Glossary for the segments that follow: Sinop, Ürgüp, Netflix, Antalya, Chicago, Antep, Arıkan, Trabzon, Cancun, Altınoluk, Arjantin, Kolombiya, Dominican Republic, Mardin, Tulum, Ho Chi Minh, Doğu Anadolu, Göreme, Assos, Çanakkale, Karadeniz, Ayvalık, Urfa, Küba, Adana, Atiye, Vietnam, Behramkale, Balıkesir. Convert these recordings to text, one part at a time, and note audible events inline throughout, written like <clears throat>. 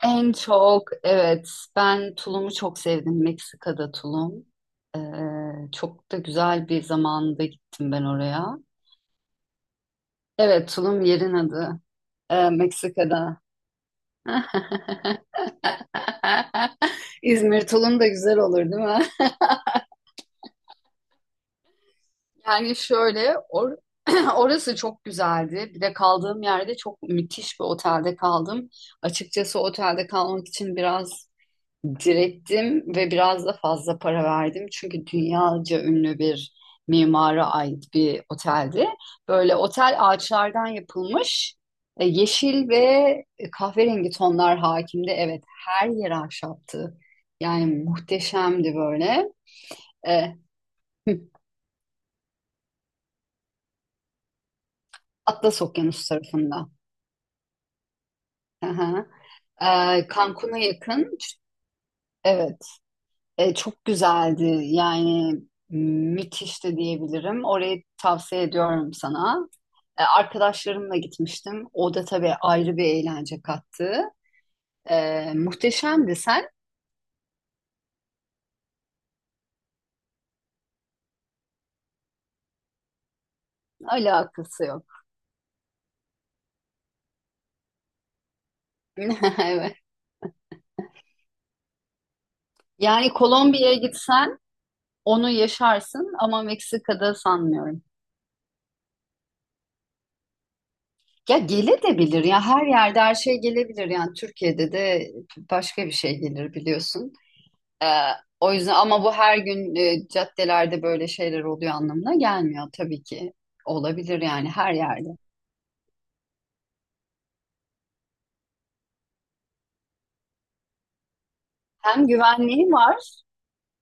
En çok evet ben tulumu çok sevdim Meksika'da tulum. Ee, Çok da güzel bir zamanda gittim ben oraya. Evet tulum yerin adı. Meksika'da. <laughs> İzmir tulum da güzel olur değil mi? Yani şöyle or <clears throat> Orası çok güzeldi. Bir de kaldığım yerde çok müthiş bir otelde kaldım. Açıkçası otelde kalmak için biraz direttim ve biraz da fazla para verdim. Çünkü dünyaca ünlü bir mimara ait bir oteldi. Böyle otel ağaçlardan yapılmış. Yeşil ve kahverengi tonlar hakimdi. Evet, her yer ahşaptı. Yani muhteşemdi böyle. E, <laughs> Atlas Okyanusu tarafında. Hı hı. E, Cancun'a yakın. Evet, çok güzeldi. Yani müthiş de diyebilirim. Orayı tavsiye ediyorum sana. Arkadaşlarımla gitmiştim. O da tabii ayrı bir eğlence kattı. Muhteşemdi. Sen alakası yok. <laughs> Evet. Yani Kolombiya'ya gitsen onu yaşarsın ama Meksika'da sanmıyorum. Ya gelebilir ya her yerde her şey gelebilir yani Türkiye'de de başka bir şey gelir biliyorsun. E, O yüzden ama bu her gün caddelerde böyle şeyler oluyor anlamına gelmiyor tabii ki. Olabilir yani her yerde. Hem güvenliği var.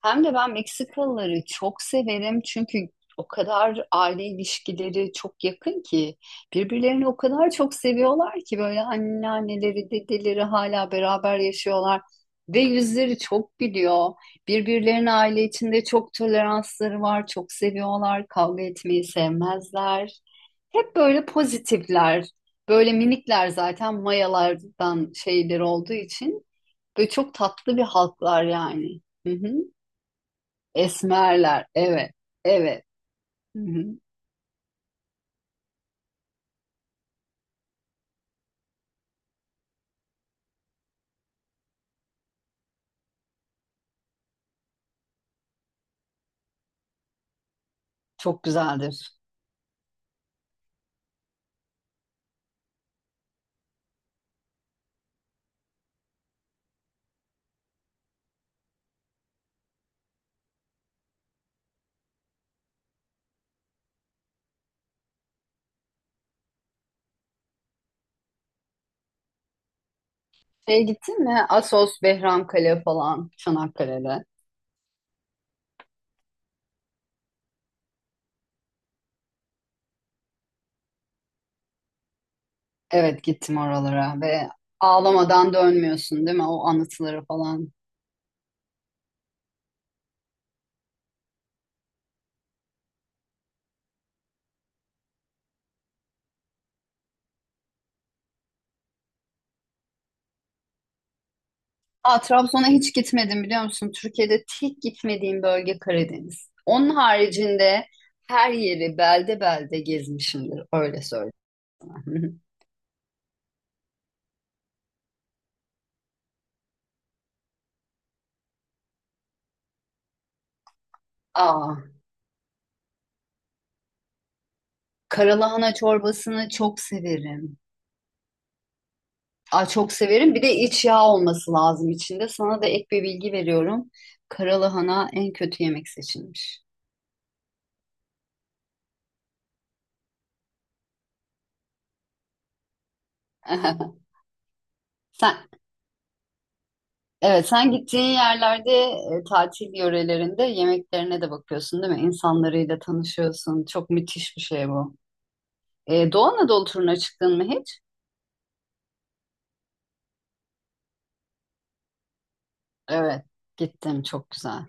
Hem de ben Meksikalıları çok severim çünkü o kadar aile ilişkileri çok yakın ki birbirlerini o kadar çok seviyorlar ki böyle anneanneleri, dedeleri hala beraber yaşıyorlar ve yüzleri çok gülüyor. Birbirlerine aile içinde çok toleransları var, çok seviyorlar, kavga etmeyi sevmezler. Hep böyle pozitifler, böyle minikler zaten mayalardan şeyler olduğu için böyle çok tatlı bir halklar yani. Hı hı. Esmerler. Evet. Evet. Hı hı. Çok güzeldir. Şey gittin mi? Assos, Behramkale falan Çanakkale'de. Evet gittim oralara ve ağlamadan dönmüyorsun değil mi? O anıtıları falan. Aa, Trabzon'a hiç gitmedim biliyor musun? Türkiye'de tek gitmediğim bölge Karadeniz. Onun haricinde her yeri belde belde gezmişimdir. Öyle söyleyeyim. <laughs> Aa, karalahana çorbasını çok severim. Aa, çok severim. Bir de iç yağ olması lazım içinde. Sana da ek bir bilgi veriyorum. Karalahana en kötü yemek seçilmiş. <laughs> Sen, evet, sen gittiğin yerlerde tatil yörelerinde yemeklerine de bakıyorsun, değil mi? İnsanlarıyla tanışıyorsun. Çok müthiş bir şey bu. Doğu Anadolu turuna çıktın mı hiç? Evet, gittim. Çok güzel.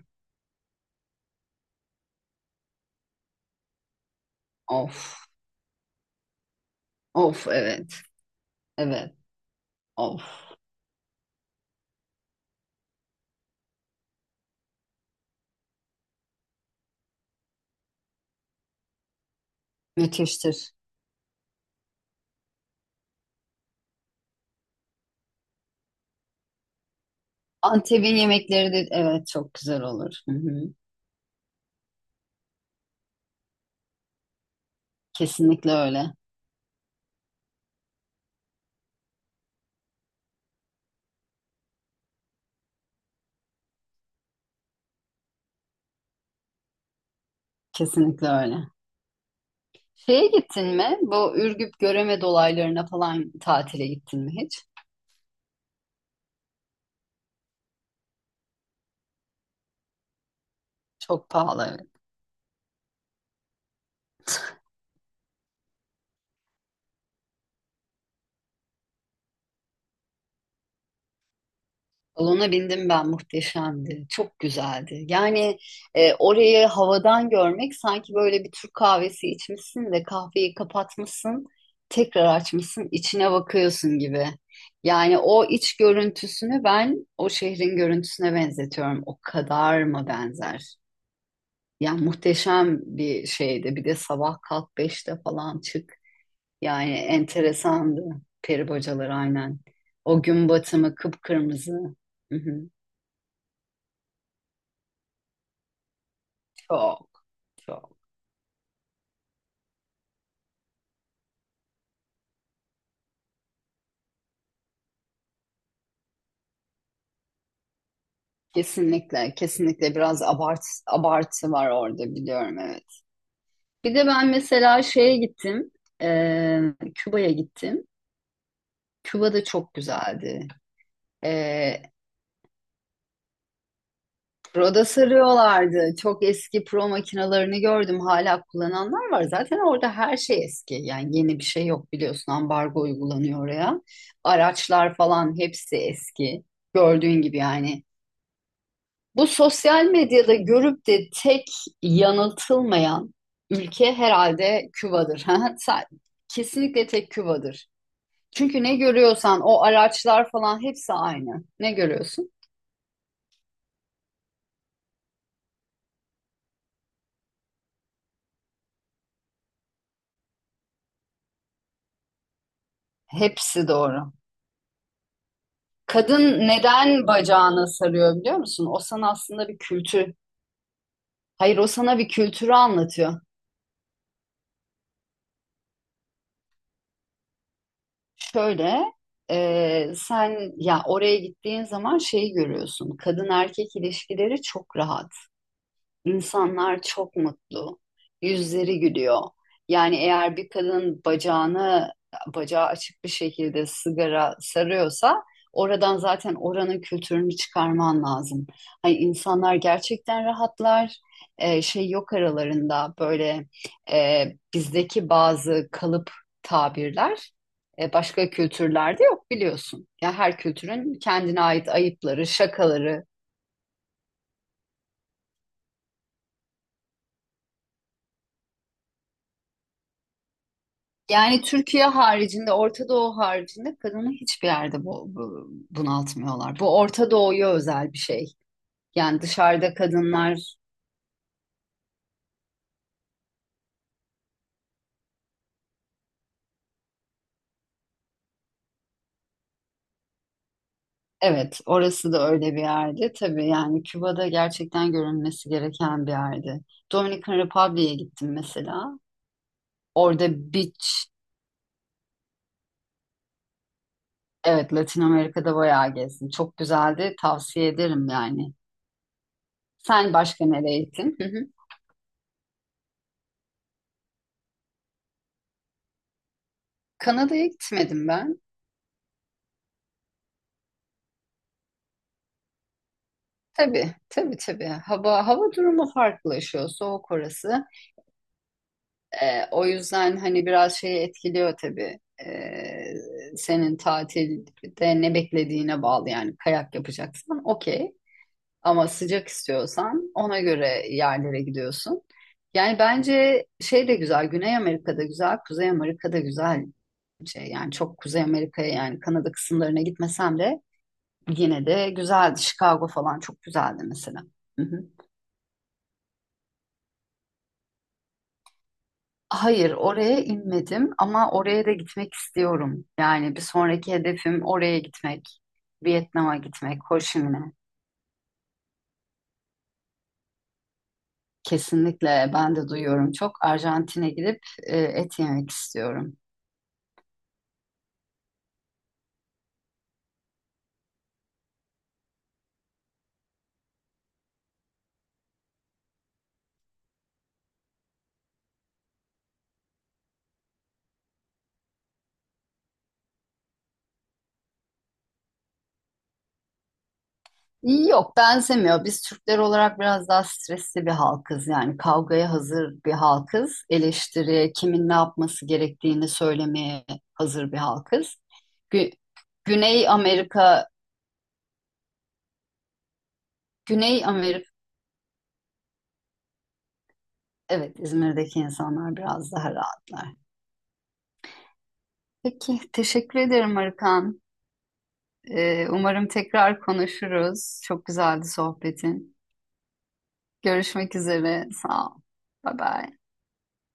Of, of, evet, evet, of. Müthiştir. Antep'in yemekleri de evet çok güzel olur. Hı hı. Kesinlikle öyle. Kesinlikle öyle. Şeye gittin mi? Bu Ürgüp Göreme dolaylarına falan tatile gittin mi hiç? Çok pahalı. Evet. Balona bindim ben muhteşemdi. Çok güzeldi. Yani orayı havadan görmek sanki böyle bir Türk kahvesi içmişsin de kahveyi kapatmışsın, tekrar açmışsın, içine bakıyorsun gibi. Yani o iç görüntüsünü ben o şehrin görüntüsüne benzetiyorum. O kadar mı benzer? Ya muhteşem bir şeydi. Bir de sabah kalk beşte falan çık. Yani enteresandı. Peri bacaları aynen. O gün batımı kıpkırmızı. Hı hı. Çok çok. Kesinlikle kesinlikle biraz abartı var orada biliyorum evet. Bir de ben mesela şeye gittim. Küba'ya gittim. Küba da çok güzeldi. E, Roda sarıyorlardı. Çok eski pro makinalarını gördüm. Hala kullananlar var. Zaten orada her şey eski. Yani yeni bir şey yok biliyorsun. Ambargo uygulanıyor oraya. Araçlar falan hepsi eski. Gördüğün gibi yani. Bu sosyal medyada görüp de tek yanıltılmayan ülke herhalde Küba'dır. <laughs> Ha, sa- Kesinlikle tek Küba'dır. Çünkü ne görüyorsan o araçlar falan hepsi aynı. Ne görüyorsun? Hepsi doğru. Kadın neden bacağına sarıyor biliyor musun? O sana aslında bir kültür. Hayır o sana bir kültürü anlatıyor. Şöyle sen ya oraya gittiğin zaman şeyi görüyorsun. Kadın erkek ilişkileri çok rahat. İnsanlar çok mutlu. Yüzleri gülüyor. Yani eğer bir kadın bacağını bacağı açık bir şekilde sigara sarıyorsa oradan zaten oranın kültürünü çıkarman lazım. Hani insanlar gerçekten rahatlar. Şey yok aralarında böyle e, bizdeki bazı kalıp tabirler başka kültürlerde yok biliyorsun. Ya her kültürün kendine ait ayıpları, şakaları, yani Türkiye haricinde, Orta Doğu haricinde kadını hiçbir yerde bunaltmıyorlar. Bu Orta Doğu'ya özel bir şey. Yani dışarıda kadınlar, evet orası da öyle bir yerde. Tabii yani Küba'da gerçekten görülmesi gereken bir yerde. Dominican Republic'e gittim mesela. Orada beach, evet Latin Amerika'da bayağı gezdim. Çok güzeldi, tavsiye ederim yani. Sen başka nereye gittin? Hı hı. Kanada'ya gitmedim ben. Tabii, tabii, tabii. Hava durumu farklılaşıyor, soğuk orası. O yüzden hani biraz şeyi etkiliyor tabii. Ee, Senin tatilde ne beklediğine bağlı yani kayak yapacaksan okey. Ama sıcak istiyorsan ona göre yerlere gidiyorsun. Yani bence şey de güzel, Güney Amerika'da güzel, Kuzey Amerika'da güzel. Şey, yani çok Kuzey Amerika'ya yani Kanada kısımlarına gitmesem de yine de güzeldi. Chicago falan çok güzeldi mesela. Hayır, oraya inmedim ama oraya da gitmek istiyorum. Yani bir sonraki hedefim oraya gitmek, Vietnam'a gitmek, Ho Chi Minh'e. Kesinlikle ben de duyuyorum çok. Arjantin'e gidip et yemek istiyorum. Yok benzemiyor. Biz Türkler olarak biraz daha stresli bir halkız. Yani kavgaya hazır bir halkız. Eleştiri kimin ne yapması gerektiğini söylemeye hazır bir halkız. Gü- Güney Amerika, Güney evet, İzmir'deki insanlar biraz daha rahatlar. Peki, teşekkür ederim Arıkan. Umarım tekrar konuşuruz. Çok güzeldi sohbetin. Görüşmek üzere. Sağ ol. Bye bye.